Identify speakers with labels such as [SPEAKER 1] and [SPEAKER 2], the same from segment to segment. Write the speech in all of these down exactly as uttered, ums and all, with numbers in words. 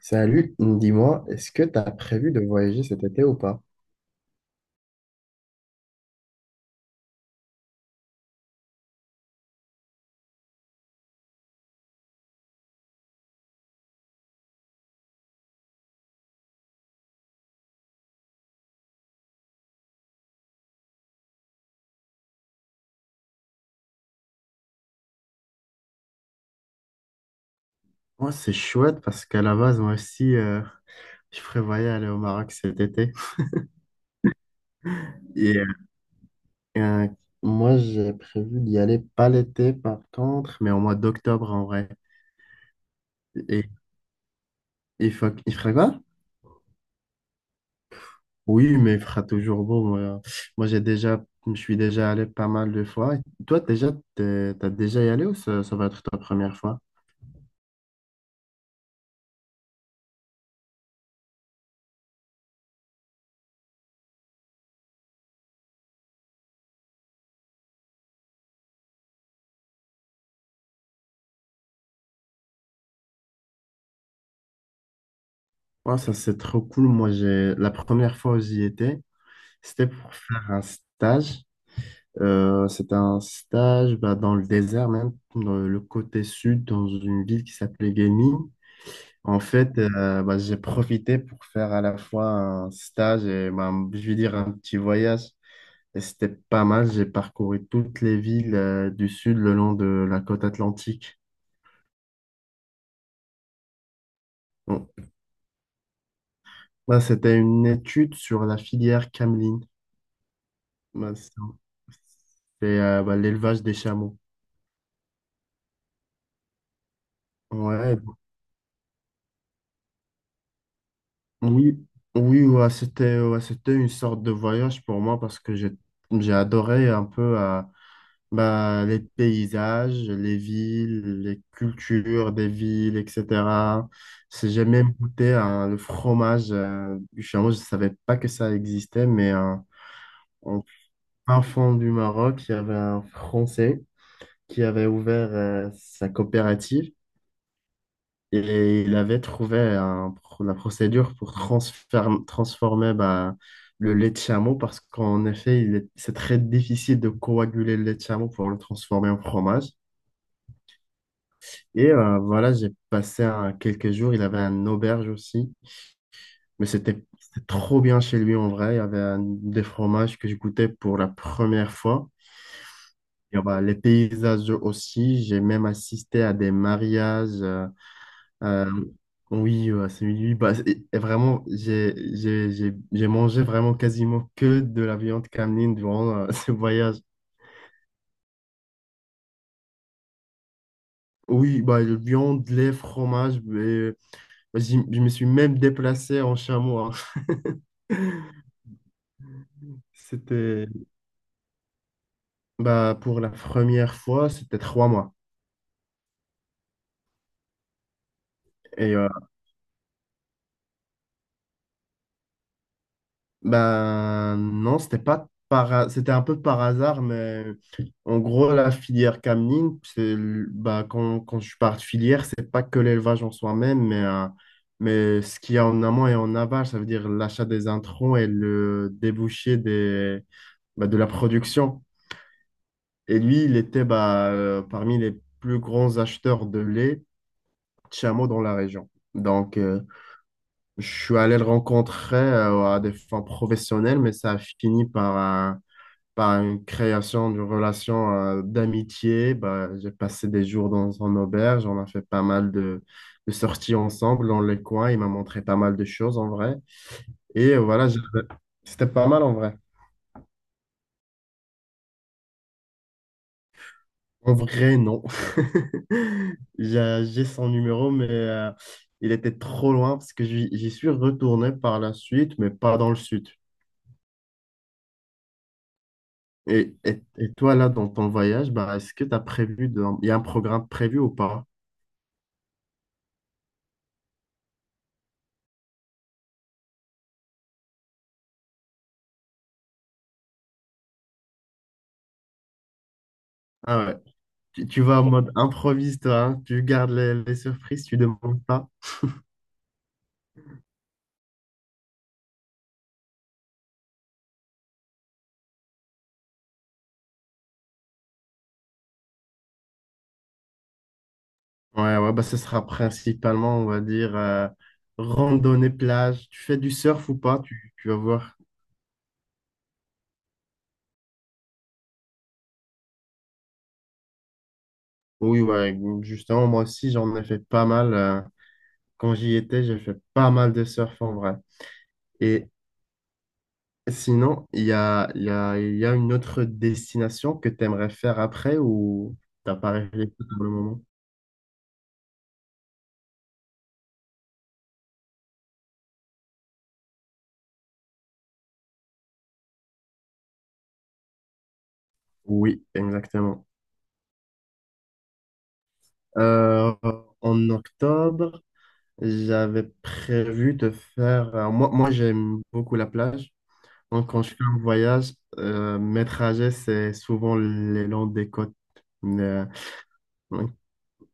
[SPEAKER 1] Salut, dis-moi, est-ce que tu as prévu de voyager cet été ou pas? Moi, c'est chouette parce qu'à la base, moi aussi, euh, je prévoyais aller au Maroc cet été. Et euh, Moi, j'ai prévu d'y aller pas l'été, par contre, mais au mois d'octobre en vrai. Et il faut, il fera quoi? Oui, mais il fera toujours beau. Moi, moi j'ai déjà, je suis déjà allé pas mal de fois. Toi, déjà, t'es- t'as déjà y allé ou ça, ça va être ta première fois? Ouais, ça, c'est trop cool. Moi, j'ai la première fois où j'y étais, c'était pour faire un stage. Euh, c'était un stage bah, dans le désert, même dans le côté sud, dans une ville qui s'appelait Gaming. En fait, euh, bah, j'ai profité pour faire à la fois un stage et bah, je vais dire un petit voyage. Et c'était pas mal. J'ai parcouru toutes les villes euh, du sud le long de la côte atlantique. Bon, là, c'était une étude sur la filière cameline. Bah, c'est c'est, euh, bah, l'élevage des chameaux. Ouais, oui, oui, ouais, c'était ouais, c'était une sorte de voyage pour moi parce que j'ai j'ai adoré un peu euh, bah, les paysages, les villes, les cultures des villes, et cetera. C'est- J'ai même goûté hein, le fromage euh, du chameau. Je ne savais pas que ça existait, mais euh, en fin fond du Maroc, il y avait un Français qui avait ouvert euh, sa coopérative, et il avait trouvé un pro- la procédure pour transfer- transformer bah, le lait de chameau parce qu'en effet, il est- c'est très difficile de coaguler le lait de chameau pour le transformer en fromage. Et euh, voilà, j'ai passé un- quelques jours. Il avait une auberge aussi. Mais c'était c'était trop bien chez lui en vrai. Il y avait un- des fromages que je goûtais pour la première fois. Et, euh, bah, les paysages aussi. J'ai même assisté à des mariages. euh, euh, oui, euh, c'est lui. Bah, c'est- et vraiment, j'ai j'ai- j'ai- j'ai mangé vraiment quasiment que de la viande cameline durant euh, ce voyage. Oui, bah, le viande, lait, fromage. Mais, euh, j'y- je me suis même déplacé en chameau, hein. C'était bah, pour la première fois, c'était trois mois. Et euh, bah, non, c'était pas par, ha- c'était un peu par hasard, mais en gros, la filière cameline c'est le- bah, quand, quand je parle de filière, c'est pas que l'élevage en soi-même, mais, euh, mais ce qu'il y a en amont et en aval, ça veut dire l'achat des introns et le débouché des, bah, de la production. Et lui, il était bah, euh, parmi les plus grands acheteurs de lait de chameaux dans la région. Donc, euh, je suis allé le rencontrer euh, à des fins professionnelles, mais ça a fini par, un- par une création d'une relation euh, d'amitié. Bah, j'ai passé des jours dans son auberge, on a fait pas mal de, de sorties ensemble dans les coins. Il m'a montré pas mal de choses en vrai. Et euh, voilà, j'ai- c'était pas mal en vrai. En vrai, non. J'ai j'ai son numéro, mais euh, il était trop loin parce que j'y j'y suis retourné par la suite, mais pas dans le sud. Et, et, et toi, là, dans ton voyage, bah, est-ce que tu as prévu de… Il y a un programme prévu ou pas? Ah ouais. Tu, tu vas en mode improvise, toi, hein. Tu gardes les, les surprises, tu demandes pas. Ouais, ouais, bah, ce sera principalement, on va dire, euh, randonnée, plage. Tu fais du surf ou pas? Tu, tu vas voir. Oui, ouais, justement, moi aussi, j'en ai fait pas mal. Euh, quand j'y étais, j'ai fait pas mal de surf en vrai. Et, Sinon, il y a, il y a, il y a une autre destination que tu aimerais faire après ou t'as pas réfléchi pour le moment? Oui, exactement. Euh, En octobre, j'avais prévu de faire. Euh, moi, moi j'aime beaucoup la plage. Donc, quand je fais un voyage, euh, mes trajets, c'est souvent les longs des côtes. Mais, euh,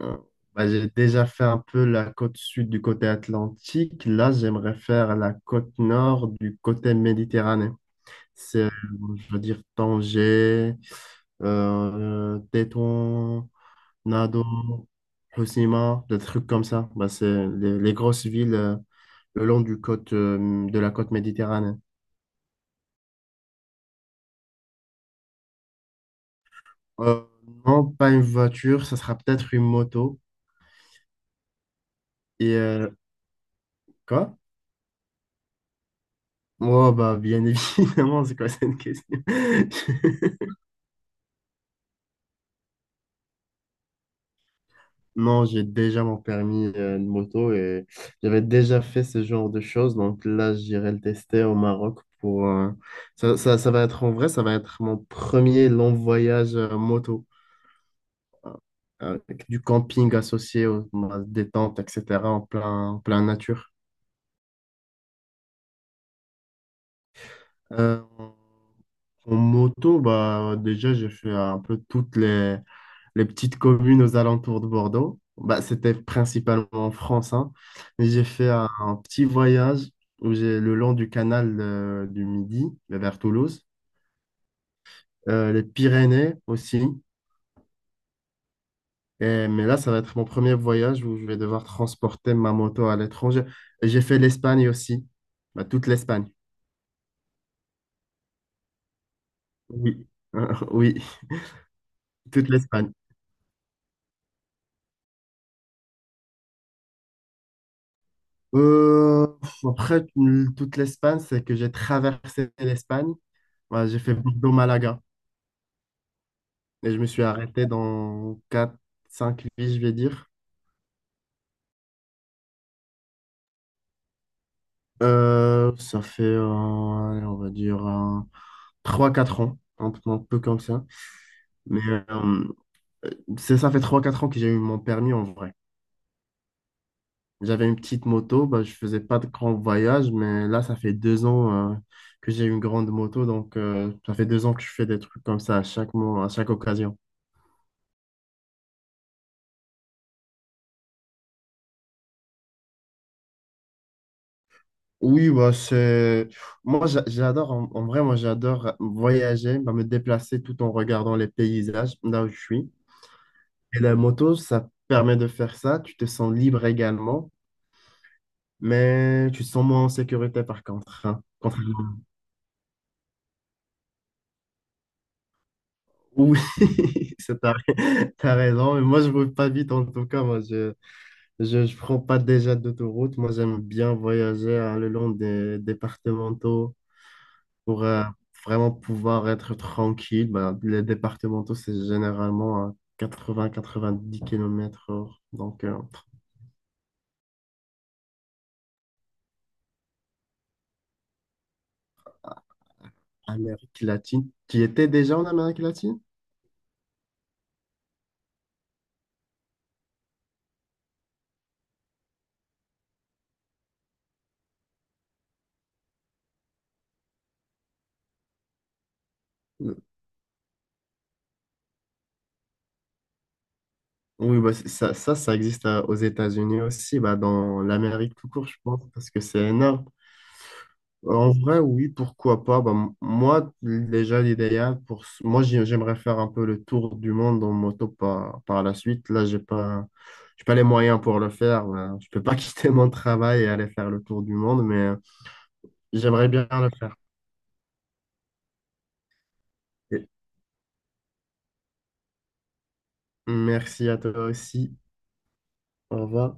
[SPEAKER 1] euh, bah, j'ai déjà fait un peu la côte sud du côté atlantique. Là, j'aimerais faire la côte nord du côté méditerranéen. C'est, euh, je veux dire, Tanger, euh, Tétouan, Nado, Hoceima, des trucs comme ça. Bah, c'est les, les grosses villes euh, le long du côte, euh, de la côte méditerranéenne. Euh, non, pas une voiture, ça sera peut-être une moto. Et euh, quoi? Oh, bah, bien évidemment, c'est quoi cette question? Non, j'ai déjà mon permis euh, de moto et j'avais déjà fait ce genre de choses. Donc là, j'irai le tester au Maroc pour… euh, ça, ça, ça va être en vrai, ça va être mon premier long voyage euh, moto avec du camping associé aux à des tentes, et cetera en plein, en plein nature. Euh, En moto, bah, déjà, j'ai fait un peu toutes les… les petites communes aux alentours de Bordeaux. Bah, c'était principalement en France, hein. Mais j'ai fait un, un petit voyage où j'ai le long du canal euh, du Midi vers Toulouse. Euh, les Pyrénées aussi. Et- mais là, ça va être mon premier voyage où je vais devoir transporter ma moto à l'étranger. Et j'ai fait l'Espagne aussi, bah, toute l'Espagne. Oui, oui, toute l'Espagne. Euh, Après, toute l'Espagne, c'est que j'ai traversé l'Espagne. Voilà, j'ai fait Bordeaux-Malaga. Et je me suis arrêté dans quatre cinq vies, je vais dire. Euh, ça fait, euh, Allez, on va dire, euh, 3-4 ans, un peu, un peu comme ça. Mais euh, c'est ça fait trois quatre ans que j'ai eu mon permis en vrai. J'avais une petite moto, bah, je faisais pas de grands voyages, mais là, ça fait deux ans euh, que j'ai une grande moto, donc euh, ça fait deux ans que je fais des trucs comme ça à chaque mois, à chaque occasion. Oui, bah, c'est… Moi, j'a- j'adore, en, en vrai, moi, j'adore voyager, bah, me déplacer tout en regardant les paysages là où je suis. Et la moto, ça permet de faire ça. Tu te sens libre également, mais tu te sens moins en sécurité par contre, hein. Contrairement- Oui, c'est t'as, t'as raison. Mais moi, je roule pas vite en tout cas. Moi, je, je, je prends pas déjà d'autoroute. Moi, j'aime bien voyager hein, le long des départementaux. Pour euh, vraiment pouvoir être tranquille. Bah, les départementaux, c'est généralement à quatre-vingts à quatre-vingt-dix km heure. Donc, euh, entre Amérique latine. Tu étais déjà en Amérique latine? Euh, Oui, bah, c'est- ça, ça, ça existe euh, aux États-Unis aussi, bah, dans l'Amérique tout court, je pense, parce que c'est énorme. En vrai, oui, pourquoi pas. Bah, m- moi, déjà, l'idéal, pour… s- moi, j'ai- j'aimerais faire un peu le tour du monde en moto par, par la suite. Là, j'ai pas, j'ai pas les moyens pour le faire. Voilà. Je peux pas quitter mon travail et aller faire le tour du monde, mais euh, j'aimerais bien le faire. Et merci à toi aussi. Au revoir.